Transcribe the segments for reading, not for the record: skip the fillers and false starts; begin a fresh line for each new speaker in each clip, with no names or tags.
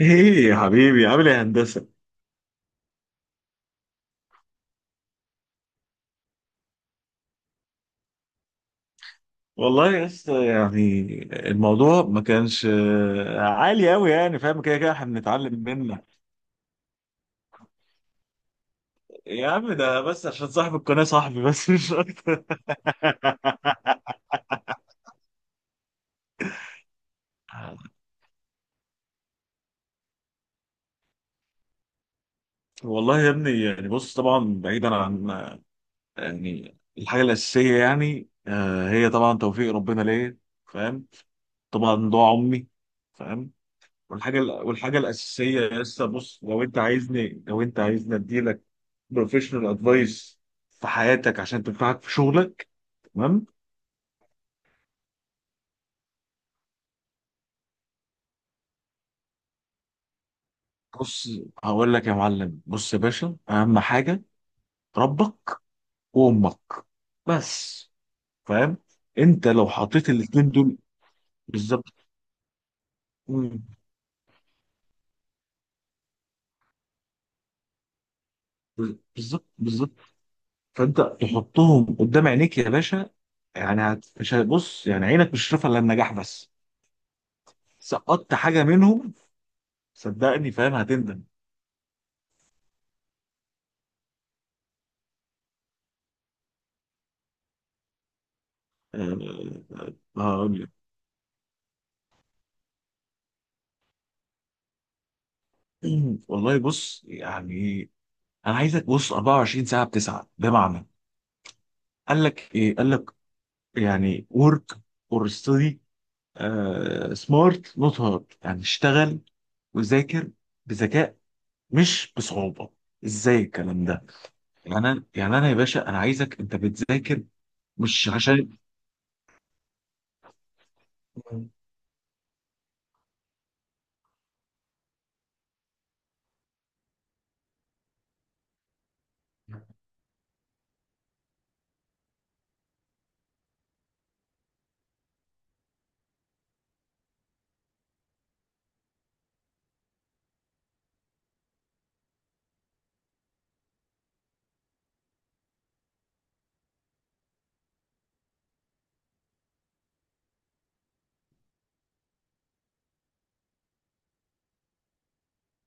ايه يا حبيبي، عامل ايه يا هندسه؟ والله يا اسطى يعني الموضوع ما كانش عالي قوي، يعني فاهم. كده كده احنا بنتعلم منك. يا عم ده بس عشان صاحب القناه صاحبي، بس مش اكتر. والله يا ابني، يعني بص طبعا بعيدا عن يعني الحاجه الاساسيه، يعني هي طبعا توفيق ربنا ليا. فاهم. طبعا دعاء امي. فاهم. والحاجه الاساسيه يا اسطى، بص، لو انت عايزني اديلك بروفيشنال ادفايس في حياتك عشان تنفعك في شغلك. تمام. بص هقول لك يا معلم، بص يا باشا، اهم حاجه ربك وامك، بس. فاهم. انت لو حطيت الاثنين دول بالظبط. مم. بالظبط، بالظبط. فانت تحطهم قدام عينيك يا باشا. يعني مش هتبص، يعني عينك مش شايفه الا النجاح بس. سقطت حاجه منهم صدقني، فاهم، هتندم. آه، هقول لك. والله بص يعني انا عايزك بص 24 ساعه بتسعه، بمعنى قال لك ايه، قال لك يعني ورك اور ستدي، سمارت نوت هارد. يعني اشتغل وذاكر بذكاء، مش بصعوبه. ازاي الكلام ده؟ يعني انا يا باشا، انا عايزك انت بتذاكر، مش عشان.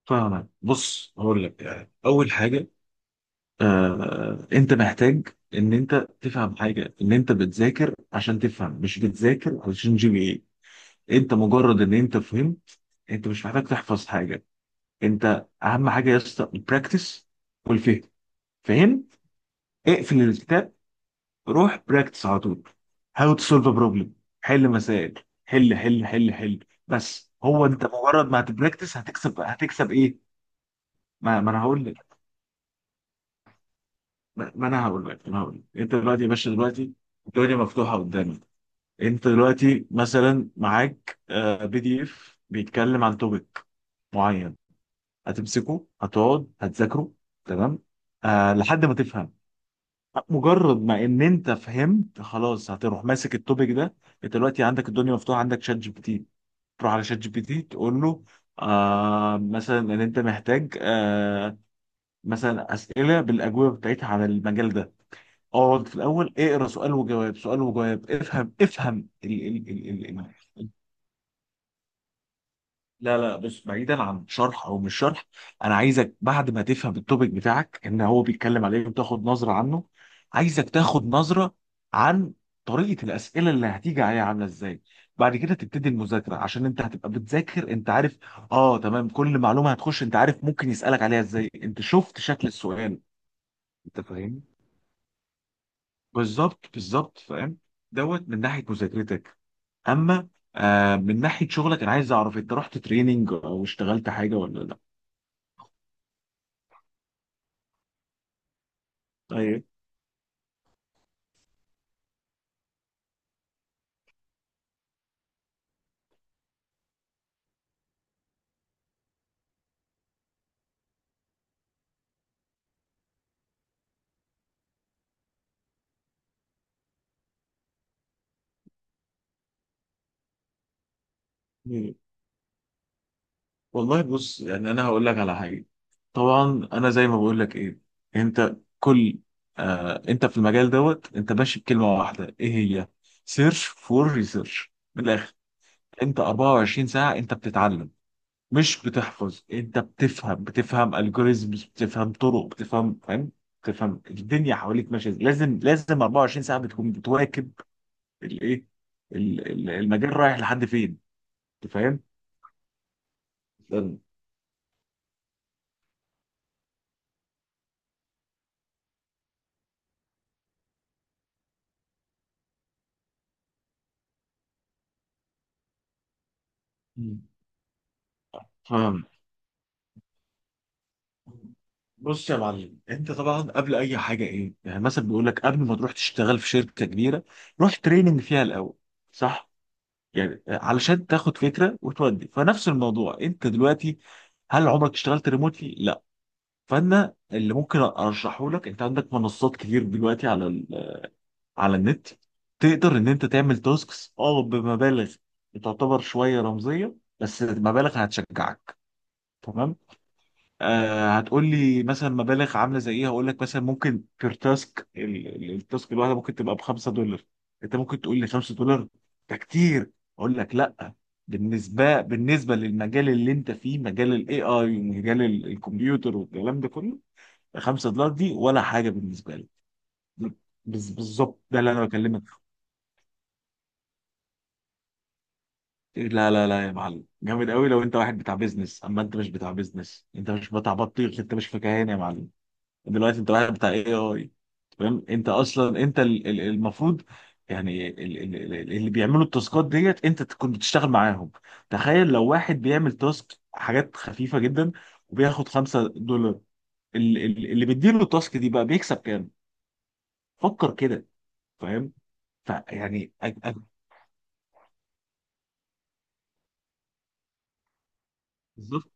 فاهمك. بص هقول لك يعني اول حاجه، انت محتاج ان انت تفهم حاجه، ان انت بتذاكر عشان تفهم، مش بتذاكر علشان جي بي ايه. انت مجرد ان انت فهمت، انت مش محتاج تحفظ حاجه. انت اهم حاجه يا اسطى البراكتس والفهم. فهم، اقفل الكتاب، روح براكتس على طول. هاو تو سولف بروبلم، حل مسائل. حل حل حل حل. بس هو انت مجرد ما هتبراكتس هتكسب ايه. ما انا هقول لك، ما انا هقول لك، ما انا هقول لك، انت دلوقتي يا باشا، دلوقتي الدنيا مفتوحه قدامك. انت دلوقتي مثلا معاك بي دي اف بيتكلم عن توبيك معين، هتمسكه، هتقعد هتذاكره. تمام، آه، لحد ما تفهم. مجرد ما ان انت فهمت، خلاص، هتروح ماسك التوبيك ده. انت دلوقتي عندك الدنيا مفتوحه، عندك شات جي بي تي. تروح على شات جي بي تي تقول له مثلا ان انت محتاج مثلا اسئله بالاجوبه بتاعتها عن المجال ده. اقعد في الاول، اقرا سؤال وجواب، سؤال وجواب، افهم ال ال ال ال لا لا، بص، بعيدا عن شرح او مش شرح. انا عايزك بعد ما تفهم التوبيك بتاعك ان هو بيتكلم عليه، وتاخد نظره عنه. عايزك تاخد نظره عن طريقه الاسئله اللي هتيجي عليها عامله ازاي. بعد كده تبتدي المذاكره عشان انت هتبقى بتذاكر انت عارف. اه تمام، كل معلومه هتخش انت عارف ممكن يسالك عليها ازاي، انت شفت شكل السؤال. انت فاهمني؟ بالظبط، بالظبط فاهم. دوت من ناحيه مذاكرتك. اما من ناحيه شغلك، انا عايز اعرف انت رحت تريننج او اشتغلت حاجه ولا لا. مم. والله بص يعني انا هقول لك على حاجه. طبعا انا زي ما بقول لك ايه، انت كل انت في المجال دوت، انت ماشي بكلمه واحده، ايه هي؟ سيرش فور ريسيرش، من الاخر. انت 24 ساعه انت بتتعلم، مش بتحفظ. انت بتفهم الجوريزمز، بتفهم طرق، بتفهم، فاهم، بتفهم الدنيا حواليك ماشيه إزاي. لازم لازم 24 ساعه بتكون بتواكب الايه، المجال رايح لحد فين. انت فاهم؟ مم. فاهم. بص يا معلم، انت طبعا قبل اي حاجه ايه، يعني مثلا بيقول لك قبل ما تروح تشتغل في شركه كبيره، روح تريننج فيها الاول. صح؟ يعني علشان تاخد فكره، وتودي فنفس الموضوع انت دلوقتي. هل عمرك اشتغلت ريموتلي؟ لا. فانا اللي ممكن ارشحه لك، انت عندك منصات كتير دلوقتي على على النت. تقدر ان انت تعمل تاسكس بمبالغ تعتبر شويه رمزيه، بس مبالغ هتشجعك. تمام. هتقول لي مثلا مبالغ عامله زي ايه؟ هقول لك مثلا ممكن بير تاسك، التاسك الواحده ممكن تبقى ب 5 دولار. انت ممكن تقول لي 5 دولار ده كتير، اقول لك لا. بالنسبه للمجال اللي انت فيه، مجال الاي اي ومجال الكمبيوتر والكلام ده كله، 5 دولار دي ولا حاجه بالنسبه لي. بالظبط، ده اللي انا بكلمك فيه. لا لا لا يا معلم، جامد قوي لو انت واحد بتاع بيزنس، اما انت مش بتاع بيزنس، انت مش بتاع بطيخ، انت مش فكهان يا معلم. دلوقتي انت واحد بتاع اي اي، فاهم. انت اصلا انت المفروض يعني اللي بيعملوا التاسكات ديت انت تكون بتشتغل معاهم. تخيل لو واحد بيعمل تاسك حاجات خفيفه جدا وبياخد 5 دولار، اللي بيديله التاسك دي بقى بيكسب كام؟ فكر كده، فاهم. فيعني أج- أج- بالظبط،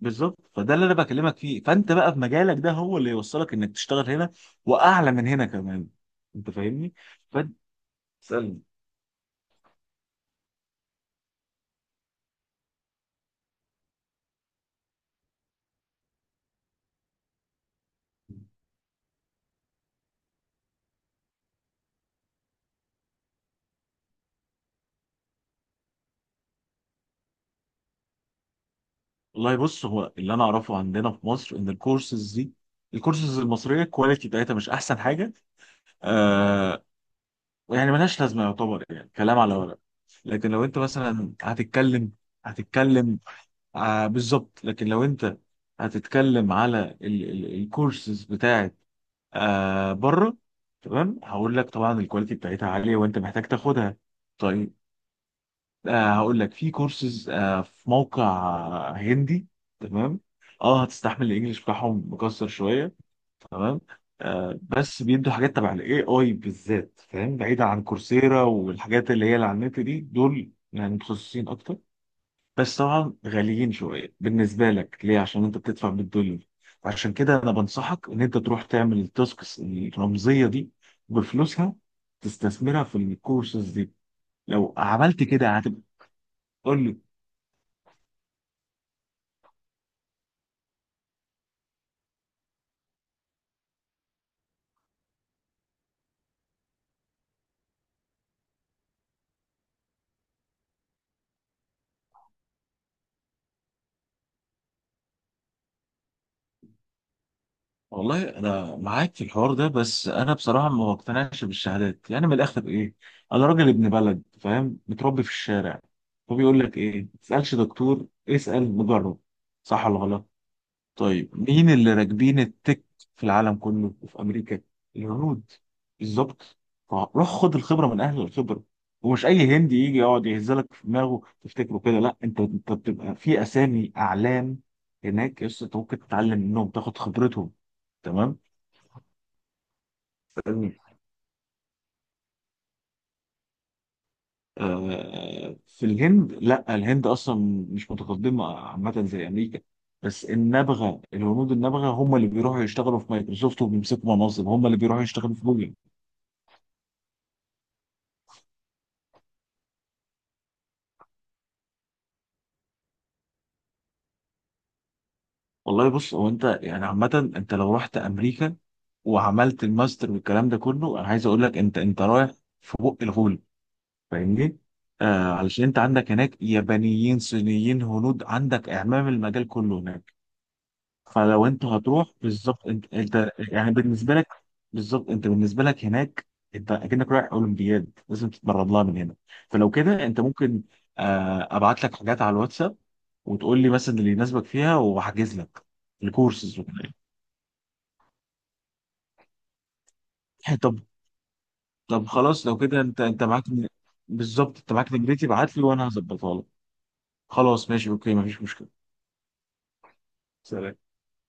بالظبط، فده اللي انا بكلمك فيه. فانت بقى في مجالك ده هو اللي يوصلك انك تشتغل هنا، واعلى من هنا كمان. انت فاهمني؟ فاسالني. والله بص، هو اللي انا اعرفه عندنا في مصر ان الكورسز دي، الكورسز المصريه، الكواليتي بتاعتها مش احسن حاجه، آه يعني ملهاش لازمه، يعتبر يعني كلام على ورق. لكن لو انت مثلا هتتكلم آه، بالظبط، لكن لو انت هتتكلم على الكورسز بتاعت آه، بره، تمام، هقول لك طبعا الكواليتي بتاعتها عاليه، وانت محتاج تاخدها. طيب هقول لك في كورسز في موقع هندي. تمام، اه هتستحمل الانجليش بتاعهم مكسر شويه. تمام. بس بيدوا حاجات تبع الاي اي بالذات، فاهم، بعيدا عن كورسيرا والحاجات اللي هي اللي على النت دي، دول يعني متخصصين اكتر. بس طبعا غاليين شويه بالنسبه لك، ليه؟ عشان انت بتدفع بالدولار. عشان كده انا بنصحك ان انت تروح تعمل التاسكس الرمزيه دي بفلوسها تستثمرها في الكورسز دي. لو عملت كده هتبقى. قول لي. والله انا معاك في الحوار ده، بس انا بصراحه ما بقتنعش بالشهادات، يعني من الاخر ايه، انا راجل ابن بلد، فاهم، متربي في الشارع. فبيقول لك ايه، ما تسالش دكتور، اسال مجرب. صح ولا غلط؟ طيب مين اللي راكبين التك في العالم كله وفي امريكا؟ الهنود. بالظبط. روح خد الخبره من اهل الخبره. ومش اي هندي يجي يقعد يهزلك في دماغه تفتكره كده، لا، انت بتبقى في اسامي اعلام هناك، يس. انت ممكن تتعلم منهم، تاخد خبرتهم. تمام. مم. آه، في الهند، لا، الهند اصلا مش متقدمه عامه زي امريكا، بس النبغه، الهنود النبغه، هم اللي بيروحوا يشتغلوا في مايكروسوفت وبيمسكوا مناصب، هم اللي بيروحوا يشتغلوا في جوجل. والله بص، هو انت يعني عامة انت لو رحت امريكا وعملت الماستر والكلام ده كله، انا عايز اقول لك انت رايح في بق الغول. فاهمني؟ آه، علشان انت عندك هناك يابانيين، صينيين، هنود، عندك اعمام المجال كله هناك. فلو انت هتروح بالظبط، انت يعني بالنسبة لك، بالظبط، انت بالنسبة لك هناك انت اكنك رايح اولمبياد، لازم تتمرن لها من هنا. فلو كده انت ممكن ابعت لك حاجات على الواتساب وتقول لي مثلا اللي يناسبك فيها وهحجز لك الكورسز. يعني طب، طب خلاص لو كده انت معاك بالظبط، انت معاك نجريتي، ابعت لي وانا هظبطها لك. خلاص ماشي، اوكي، مفيش مشكلة. سلام.